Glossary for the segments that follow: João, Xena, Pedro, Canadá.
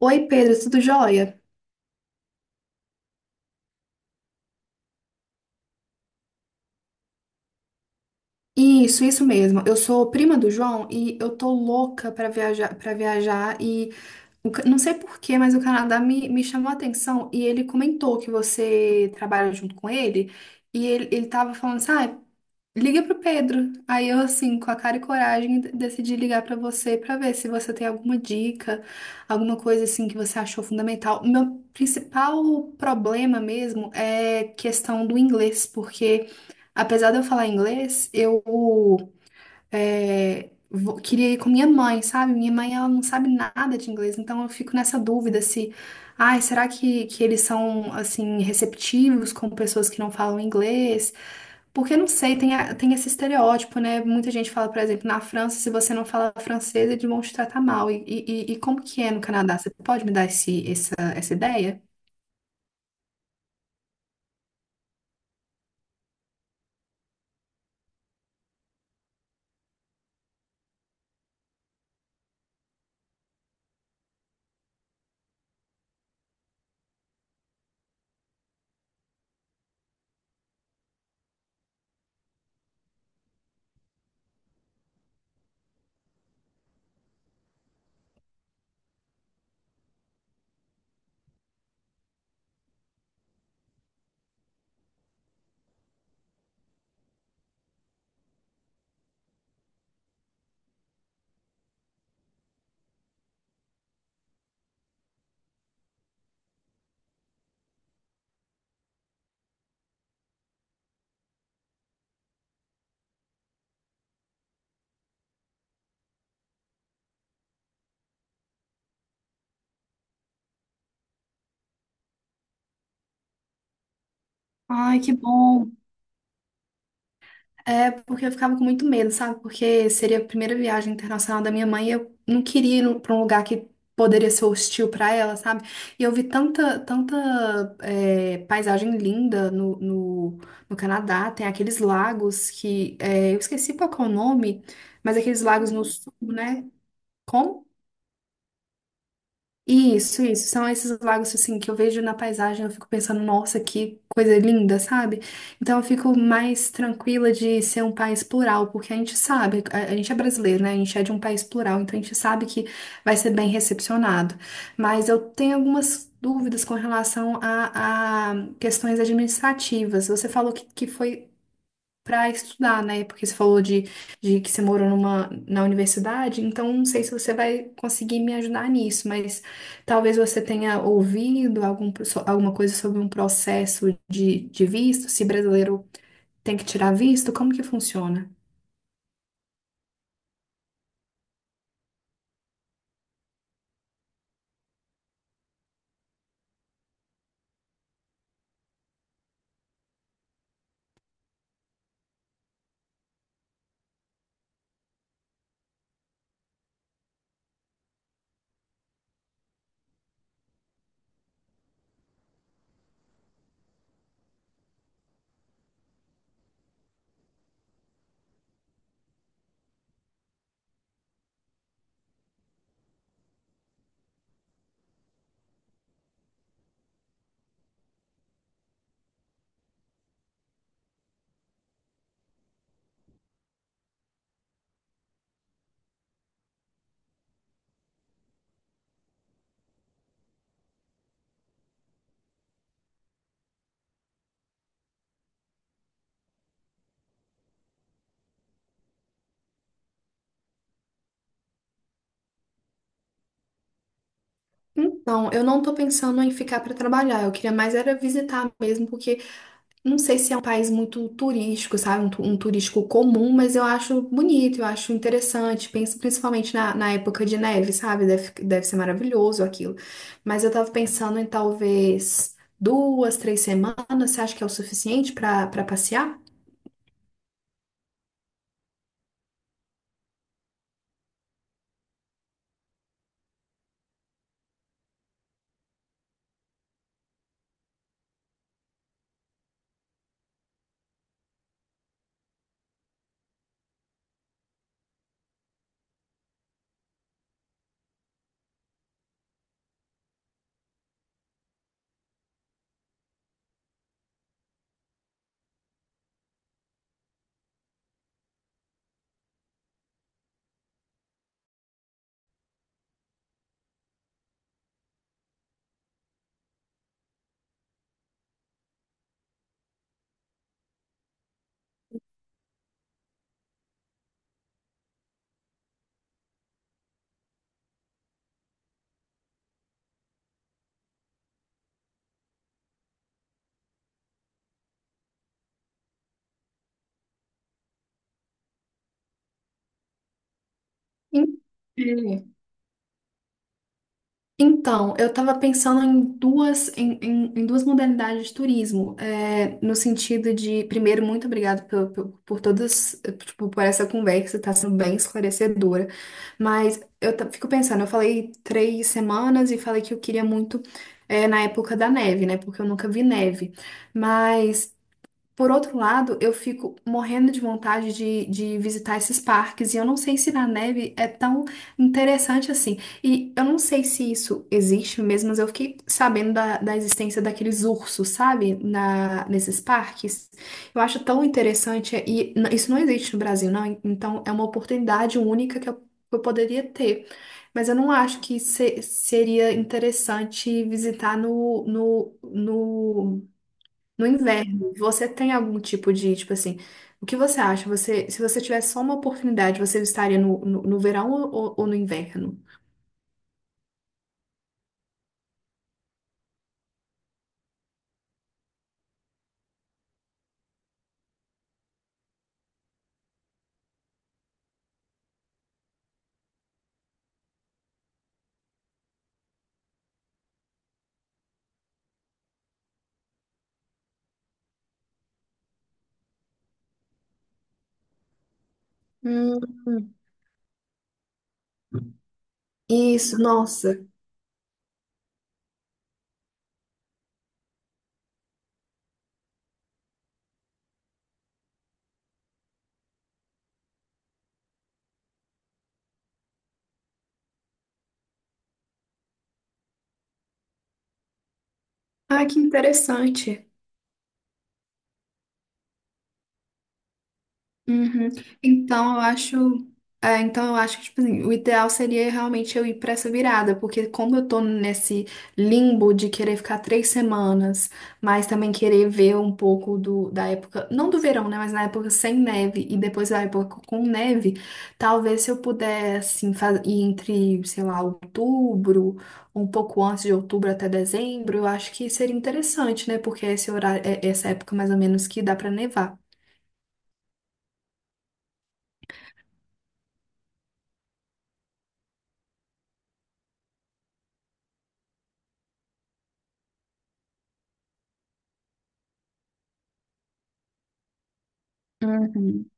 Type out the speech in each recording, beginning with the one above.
Oi, Pedro, tudo jóia? Isso mesmo. Eu sou prima do João e eu tô louca pra viajar, para viajar e não sei por quê, mas o Canadá me chamou a atenção e ele comentou que você trabalha junto com ele e ele tava falando, sabe? Liga pro Pedro. Aí eu, assim, com a cara e coragem, decidi ligar pra você pra ver se você tem alguma dica, alguma coisa assim que você achou fundamental. O meu principal problema mesmo é questão do inglês, porque apesar de eu falar inglês, queria ir com minha mãe, sabe? Minha mãe, ela não sabe nada de inglês, então eu fico nessa dúvida se, ai, será que eles são, assim, receptivos com pessoas que não falam inglês? Porque, não sei, tem, tem esse estereótipo, né? Muita gente fala, por exemplo, na França, se você não fala francês, eles vão te tratar mal. E como que é no Canadá? Você pode me dar essa ideia? Ai, que bom. É porque eu ficava com muito medo, sabe? Porque seria a primeira viagem internacional da minha mãe e eu não queria ir para um lugar que poderia ser hostil para ela, sabe? E eu vi tanta paisagem linda no Canadá, tem aqueles lagos que é, eu esqueci qual que é o nome, mas aqueles lagos no sul, né? Como? Isso, isso. São esses lagos assim que eu vejo na paisagem, eu fico pensando, nossa, que coisa linda, sabe? Então eu fico mais tranquila de ser um país plural, porque a gente sabe, a gente é brasileiro, né? A gente é de um país plural, então a gente sabe que vai ser bem recepcionado. Mas eu tenho algumas dúvidas com relação a questões administrativas. Você falou que foi para estudar, né? Porque você falou de que você morou numa, na universidade, então não sei se você vai conseguir me ajudar nisso, mas talvez você tenha ouvido alguma coisa sobre um processo de visto, se brasileiro tem que tirar visto, como que funciona? Então, eu não tô pensando em ficar para trabalhar, eu queria mais era visitar mesmo, porque não sei se é um país muito turístico, sabe? Um turístico comum, mas eu acho bonito, eu acho interessante. Penso principalmente na época de neve, sabe? Deve, deve ser maravilhoso aquilo. Mas eu tava pensando em talvez duas, três semanas. Você acha que é o suficiente para para passear? Sim. Então, eu estava pensando em duas, em duas modalidades de turismo, é, no sentido de, primeiro, muito obrigada por todas, tipo, por essa conversa, está sendo bem esclarecedora, mas eu fico pensando, eu falei três semanas e falei que eu queria muito, na época da neve, né, porque eu nunca vi neve, mas por outro lado, eu fico morrendo de vontade de visitar esses parques, e eu não sei se na neve é tão interessante assim. E eu não sei se isso existe mesmo, mas eu fiquei sabendo da existência daqueles ursos, sabe? Nesses parques. Eu acho tão interessante, e isso não existe no Brasil, não. Então, é uma oportunidade única que eu poderia ter. Mas eu não acho que seria interessante visitar no inverno, você tem algum tipo de, tipo assim, o que você acha? Você, se você tivesse só uma oportunidade, você estaria no verão ou no inverno? Hum, isso, nossa. Ah, que interessante. Uhum. Então eu acho, é, então eu acho que tipo assim, o ideal seria realmente eu ir pra essa virada, porque como eu tô nesse limbo de querer ficar três semanas, mas também querer ver um pouco do, da época, não do verão, né, mas na época sem neve e depois da época com neve, talvez se eu puder assim ir entre, sei lá, outubro, um pouco antes de outubro até dezembro, eu acho que seria interessante, né, porque é esse horário, é essa época mais ou menos que dá pra nevar. Uhum.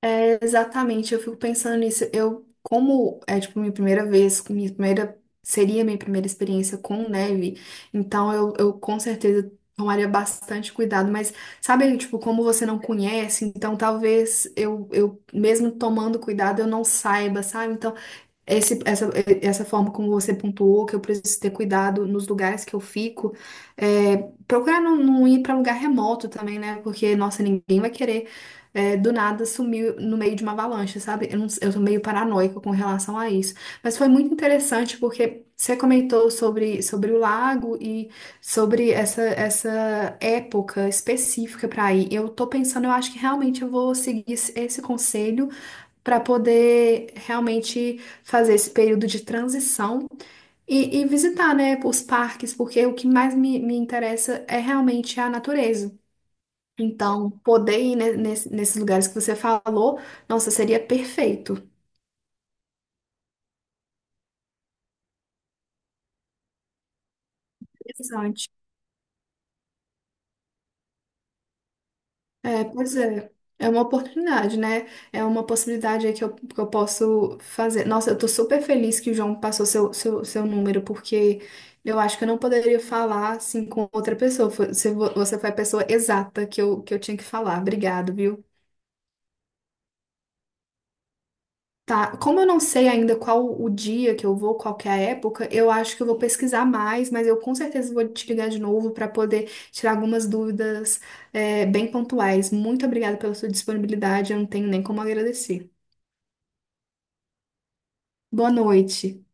É, exatamente, eu fico pensando nisso. Eu, como é tipo minha primeira vez, com minha primeira seria minha primeira experiência com neve, então eu com certeza tomaria bastante cuidado, mas sabe, tipo, como você não conhece, então talvez eu mesmo tomando cuidado eu não saiba, sabe? Então esse, essa, essa forma como você pontuou, que eu preciso ter cuidado nos lugares que eu fico, é, procurar não ir para lugar remoto também, né? Porque, nossa, ninguém vai querer do nada sumir no meio de uma avalanche, sabe? Eu, não, eu tô meio paranoica com relação a isso. Mas foi muito interessante porque você comentou sobre o lago e sobre essa época específica para ir. Eu tô pensando, eu acho que realmente eu vou seguir esse conselho para poder realmente fazer esse período de transição e visitar, né, os parques, porque o que mais me interessa é realmente a natureza. Então, poder ir nesses lugares que você falou, nossa, seria perfeito. Interessante. É, pois é. É uma oportunidade, né? É uma possibilidade aí que que eu posso fazer. Nossa, eu tô super feliz que o João passou seu número, porque eu acho que eu não poderia falar assim com outra pessoa. Você, você foi a pessoa exata que que eu tinha que falar. Obrigado, viu? Tá, como eu não sei ainda qual o dia que eu vou, qual que é a época, eu acho que eu vou pesquisar mais, mas eu com certeza vou te ligar de novo para poder tirar algumas dúvidas, é, bem pontuais. Muito obrigada pela sua disponibilidade, eu não tenho nem como agradecer. Boa noite.